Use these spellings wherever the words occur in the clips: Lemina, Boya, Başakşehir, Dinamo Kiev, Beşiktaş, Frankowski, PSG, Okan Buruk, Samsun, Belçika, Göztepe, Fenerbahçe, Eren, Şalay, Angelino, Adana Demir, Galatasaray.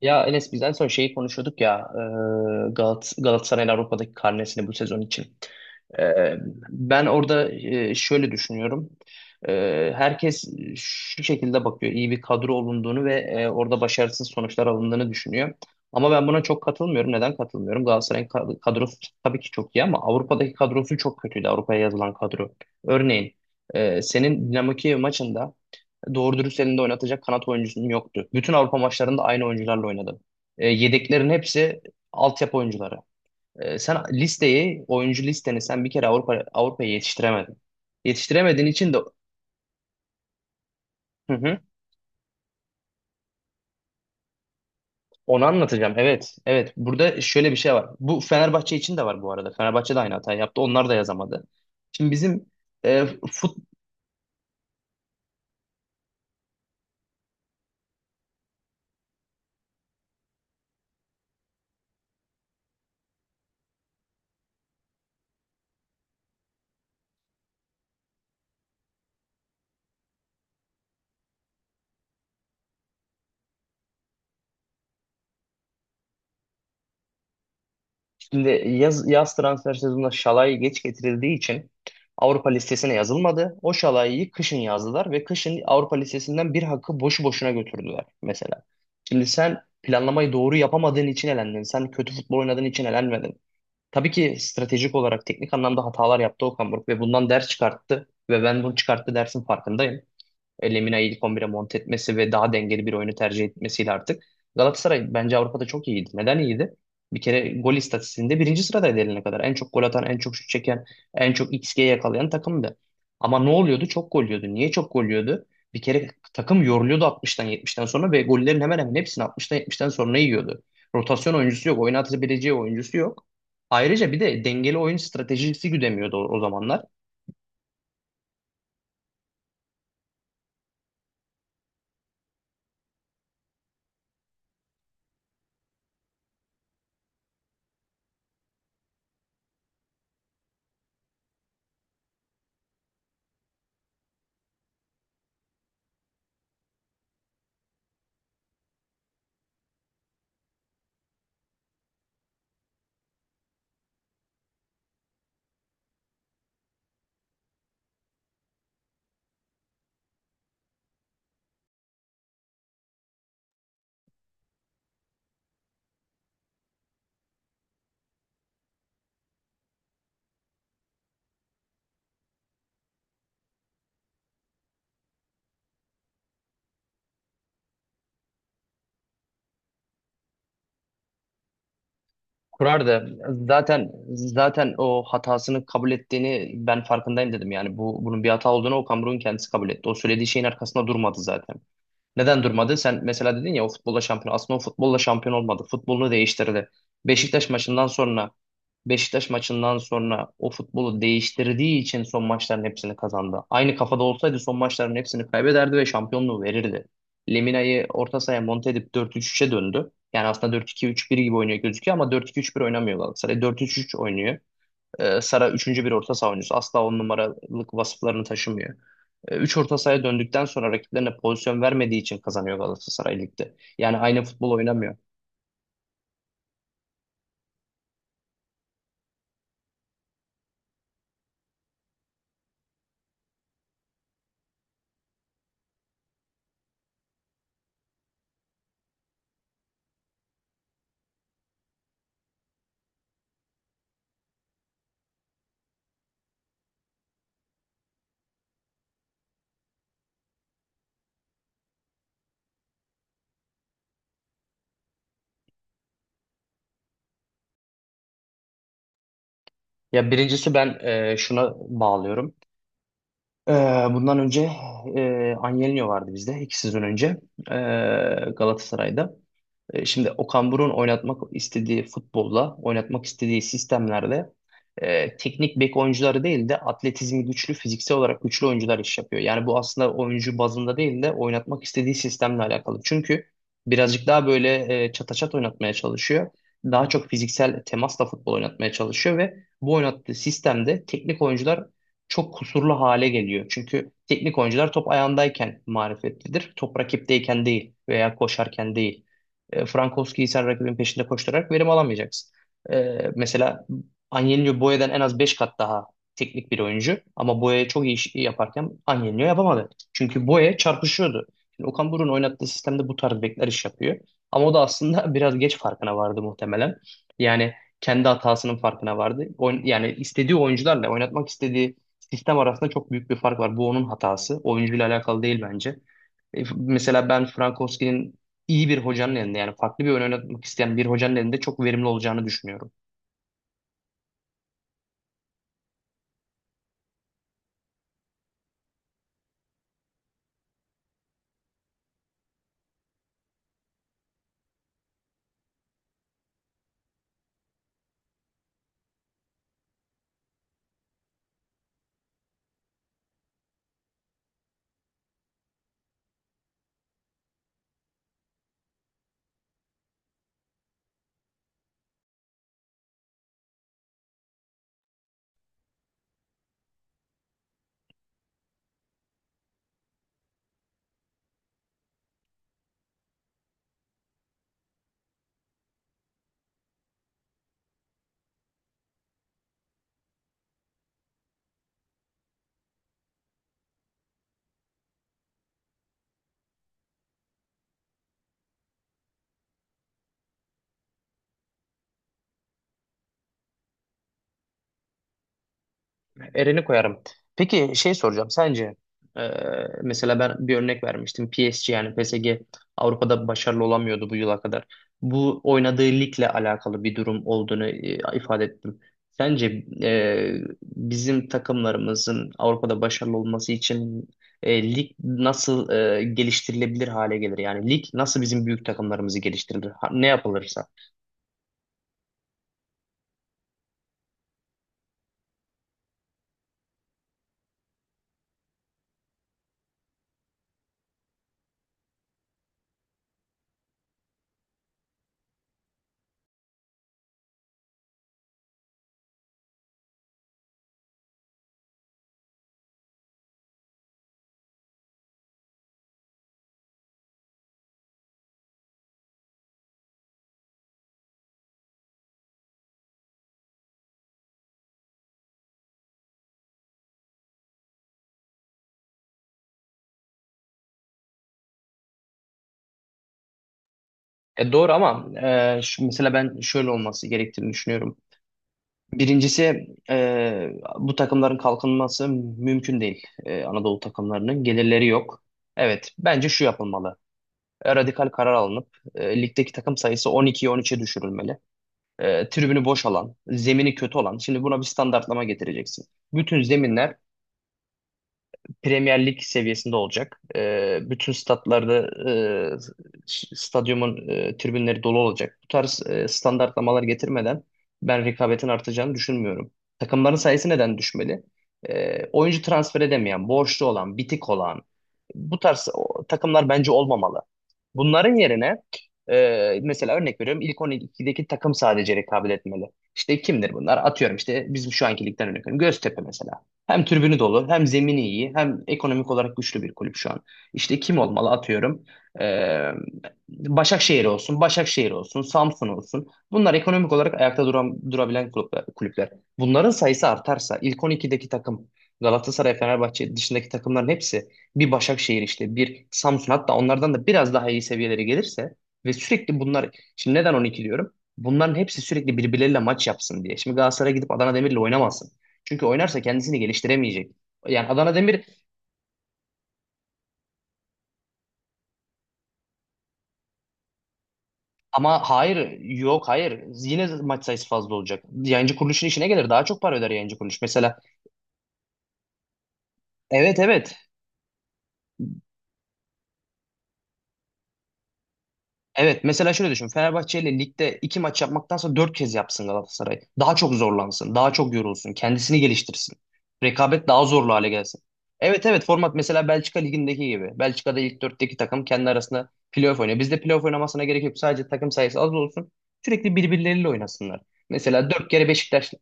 Ya Enes, biz en son şeyi konuşuyorduk ya, Galatasaray'ın Avrupa'daki karnesini bu sezon için. E, Ben orada şöyle düşünüyorum. E, Herkes şu şekilde bakıyor. İyi bir kadro olunduğunu ve orada başarısız sonuçlar alındığını düşünüyor. Ama ben buna çok katılmıyorum. Neden katılmıyorum? Galatasaray'ın kadrosu tabii ki çok iyi, ama Avrupa'daki kadrosu çok kötüydü. Avrupa'ya yazılan kadro. Örneğin senin Dinamo Kiev maçında doğru dürüst elinde oynatacak kanat oyuncusum yoktu. Bütün Avrupa maçlarında aynı oyuncularla oynadım. Yedeklerin hepsi altyapı oyuncuları. Sen listeyi, oyuncu listeni sen bir kere Avrupa'ya yetiştiremedin. Yetiştiremediğin için de. Hı hı. Onu anlatacağım. Evet, evet. Burada şöyle bir şey var. Bu Fenerbahçe için de var bu arada. Fenerbahçe de aynı hatayı yaptı. Onlar da yazamadı. Şimdi bizim e, fut, Şimdi yaz transfer sezonunda Şalay geç getirildiği için Avrupa listesine yazılmadı. O Şalay'ı kışın yazdılar ve kışın Avrupa listesinden bir hakkı boşu boşuna götürdüler mesela. Şimdi sen planlamayı doğru yapamadığın için elendin. Sen kötü futbol oynadığın için elenmedin. Tabii ki stratejik olarak teknik anlamda hatalar yaptı Okan Buruk, ve bundan ders çıkarttı ve ben bunu çıkarttı dersin farkındayım. Lemina'yı ilk 11'e monte etmesi ve daha dengeli bir oyunu tercih etmesiyle artık. Galatasaray bence Avrupa'da çok iyiydi. Neden iyiydi? Bir kere gol istatistiğinde birinci sıradaydı eline kadar. En çok gol atan, en çok şut çeken, en çok XG yakalayan takımdı. Ama ne oluyordu? Çok gol yiyordu. Niye çok gol yiyordu? Bir kere takım yoruluyordu 60'tan 70'ten sonra ve gollerin hemen hemen hepsini 60'tan 70'ten sonra yiyordu. Rotasyon oyuncusu yok, oynatabileceği oyuncusu yok. Ayrıca bir de dengeli oyun stratejisi güdemiyordu o zamanlar. Kurardı zaten, o hatasını kabul ettiğini ben farkındayım dedim. Yani bu, bunun bir hata olduğunu Okan Buruk'un kendisi kabul etti. O söylediği şeyin arkasında durmadı zaten. Neden durmadı? Sen mesela dedin ya, o futbolla şampiyon. Aslında o futbolla şampiyon olmadı. Futbolunu değiştirdi. Beşiktaş maçından sonra Beşiktaş maçından sonra o futbolu değiştirdiği için son maçların hepsini kazandı. Aynı kafada olsaydı son maçların hepsini kaybederdi ve şampiyonluğu verirdi. Lemina'yı orta sahaya monte edip 4-3-3'e döndü. Yani aslında 4-2-3-1 gibi oynuyor gözüküyor ama 4-2-3-1 oynamıyor Galatasaray. 4-3-3 oynuyor. Sara üçüncü bir orta saha oyuncusu. Asla on numaralık vasıflarını taşımıyor. Üç orta sahaya döndükten sonra rakiplerine pozisyon vermediği için kazanıyor Galatasaray Lig'de. Yani aynı futbol oynamıyor. Ya, birincisi ben şuna bağlıyorum. Ee, bundan önce Angelino vardı bizde 2 sezon önce e, Galatasaray'da. Şimdi Okan Buruk'un oynatmak istediği futbolla, oynatmak istediği sistemlerde teknik bek oyuncuları değil de atletizmi güçlü, fiziksel olarak güçlü oyuncular iş yapıyor. Yani bu aslında oyuncu bazında değil de oynatmak istediği sistemle alakalı. Çünkü birazcık daha böyle çataçat oynatmaya çalışıyor. Daha çok fiziksel temasla futbol oynatmaya çalışıyor ve bu oynattığı sistemde teknik oyuncular çok kusurlu hale geliyor. Çünkü teknik oyuncular top ayağındayken marifetlidir. Top rakipteyken değil, veya koşarken değil. Frankowski'yi sen rakibin peşinde koşturarak verim alamayacaksın. Mesela Angelino Boya'dan en az 5 kat daha teknik bir oyuncu, ama Boya çok iyi iş yaparken Angelino yapamadı. Çünkü Boya çarpışıyordu. Şimdi Okan Buruk'un oynattığı sistemde bu tarz bekler iş yapıyor. Ama o da aslında biraz geç farkına vardı muhtemelen. Yani kendi hatasının farkına vardı. Yani istediği oyuncularla oynatmak istediği sistem arasında çok büyük bir fark var. Bu onun hatası. Oyuncuyla alakalı değil bence. Mesela ben Frankowski'nin iyi bir hocanın elinde, yani farklı bir oyun oynatmak isteyen bir hocanın elinde çok verimli olacağını düşünüyorum. Eren'i koyarım. Peki şey soracağım, sence e, mesela ben bir örnek vermiştim: PSG. Yani PSG Avrupa'da başarılı olamıyordu bu yıla kadar. Bu oynadığı ligle alakalı bir durum olduğunu ifade ettim. Sence e, bizim takımlarımızın Avrupa'da başarılı olması için lig nasıl geliştirilebilir hale gelir? Yani lig nasıl bizim büyük takımlarımızı geliştirilir? Ne yapılırsa. Doğru ama şu, mesela ben şöyle olması gerektiğini düşünüyorum. Birincisi, bu takımların kalkınması mümkün değil. Anadolu takımlarının gelirleri yok. Evet, bence şu yapılmalı. Radikal karar alınıp ligdeki takım sayısı 12'ye 13'e düşürülmeli. Tribünü boş alan, zemini kötü olan. Şimdi buna bir standartlama getireceksin. Bütün zeminler Premier Lig seviyesinde olacak. Bütün statlarda e, stadyumun tribünleri dolu olacak. Bu tarz standartlamalar getirmeden ben rekabetin artacağını düşünmüyorum. Takımların sayısı neden düşmeli? Oyuncu transfer edemeyen, borçlu olan, bitik olan bu tarz takımlar bence olmamalı. Bunların yerine, mesela örnek veriyorum, ilk 12'deki takım sadece rekabet etmeli. İşte kimdir bunlar? Atıyorum, işte bizim şu anki ligden örnek veriyorum. Göztepe mesela. Hem tribünü dolu, hem zemini iyi, hem ekonomik olarak güçlü bir kulüp şu an. İşte kim olmalı, atıyorum? Ee, Başakşehir olsun, Samsun olsun. Bunlar ekonomik olarak ayakta duran, durabilen kulüpler. Bunların sayısı artarsa ilk 12'deki takım Galatasaray, Fenerbahçe dışındaki takımların hepsi, bir Başakşehir, işte bir Samsun, hatta onlardan da biraz daha iyi seviyeleri gelirse ve sürekli bunlar, şimdi neden 12 diyorum? Bunların hepsi sürekli birbirleriyle maç yapsın diye. Şimdi Galatasaray gidip Adana Demir'le oynamazsın. Çünkü oynarsa kendisini geliştiremeyecek. Yani Adana Demir, ama hayır, yok hayır, yine maç sayısı fazla olacak. Yayıncı kuruluşun işine gelir, daha çok para öder yayıncı kuruluş. Mesela. Evet, evet. Evet, mesela şöyle düşün. Fenerbahçe ile ligde 2 maç yapmaktansa 4 kez yapsın Galatasaray. Daha çok zorlansın. Daha çok yorulsun. Kendisini geliştirsin. Rekabet daha zorlu hale gelsin. Evet, evet, format mesela Belçika ligindeki gibi. Belçika'da ilk dörtteki takım kendi arasında playoff oynuyor. Bizde playoff oynamasına gerek yok. Sadece takım sayısı az olsun. Sürekli birbirleriyle oynasınlar. Mesela 4 kere Beşiktaş.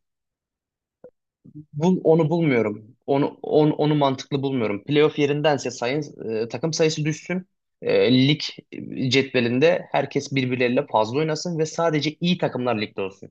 Onu bulmuyorum. Onu mantıklı bulmuyorum. Playoff yerindense sayın, takım sayısı düşsün. Lig cetvelinde herkes birbirleriyle fazla oynasın ve sadece iyi takımlar ligde olsun.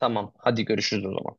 Tamam, hadi görüşürüz o zaman.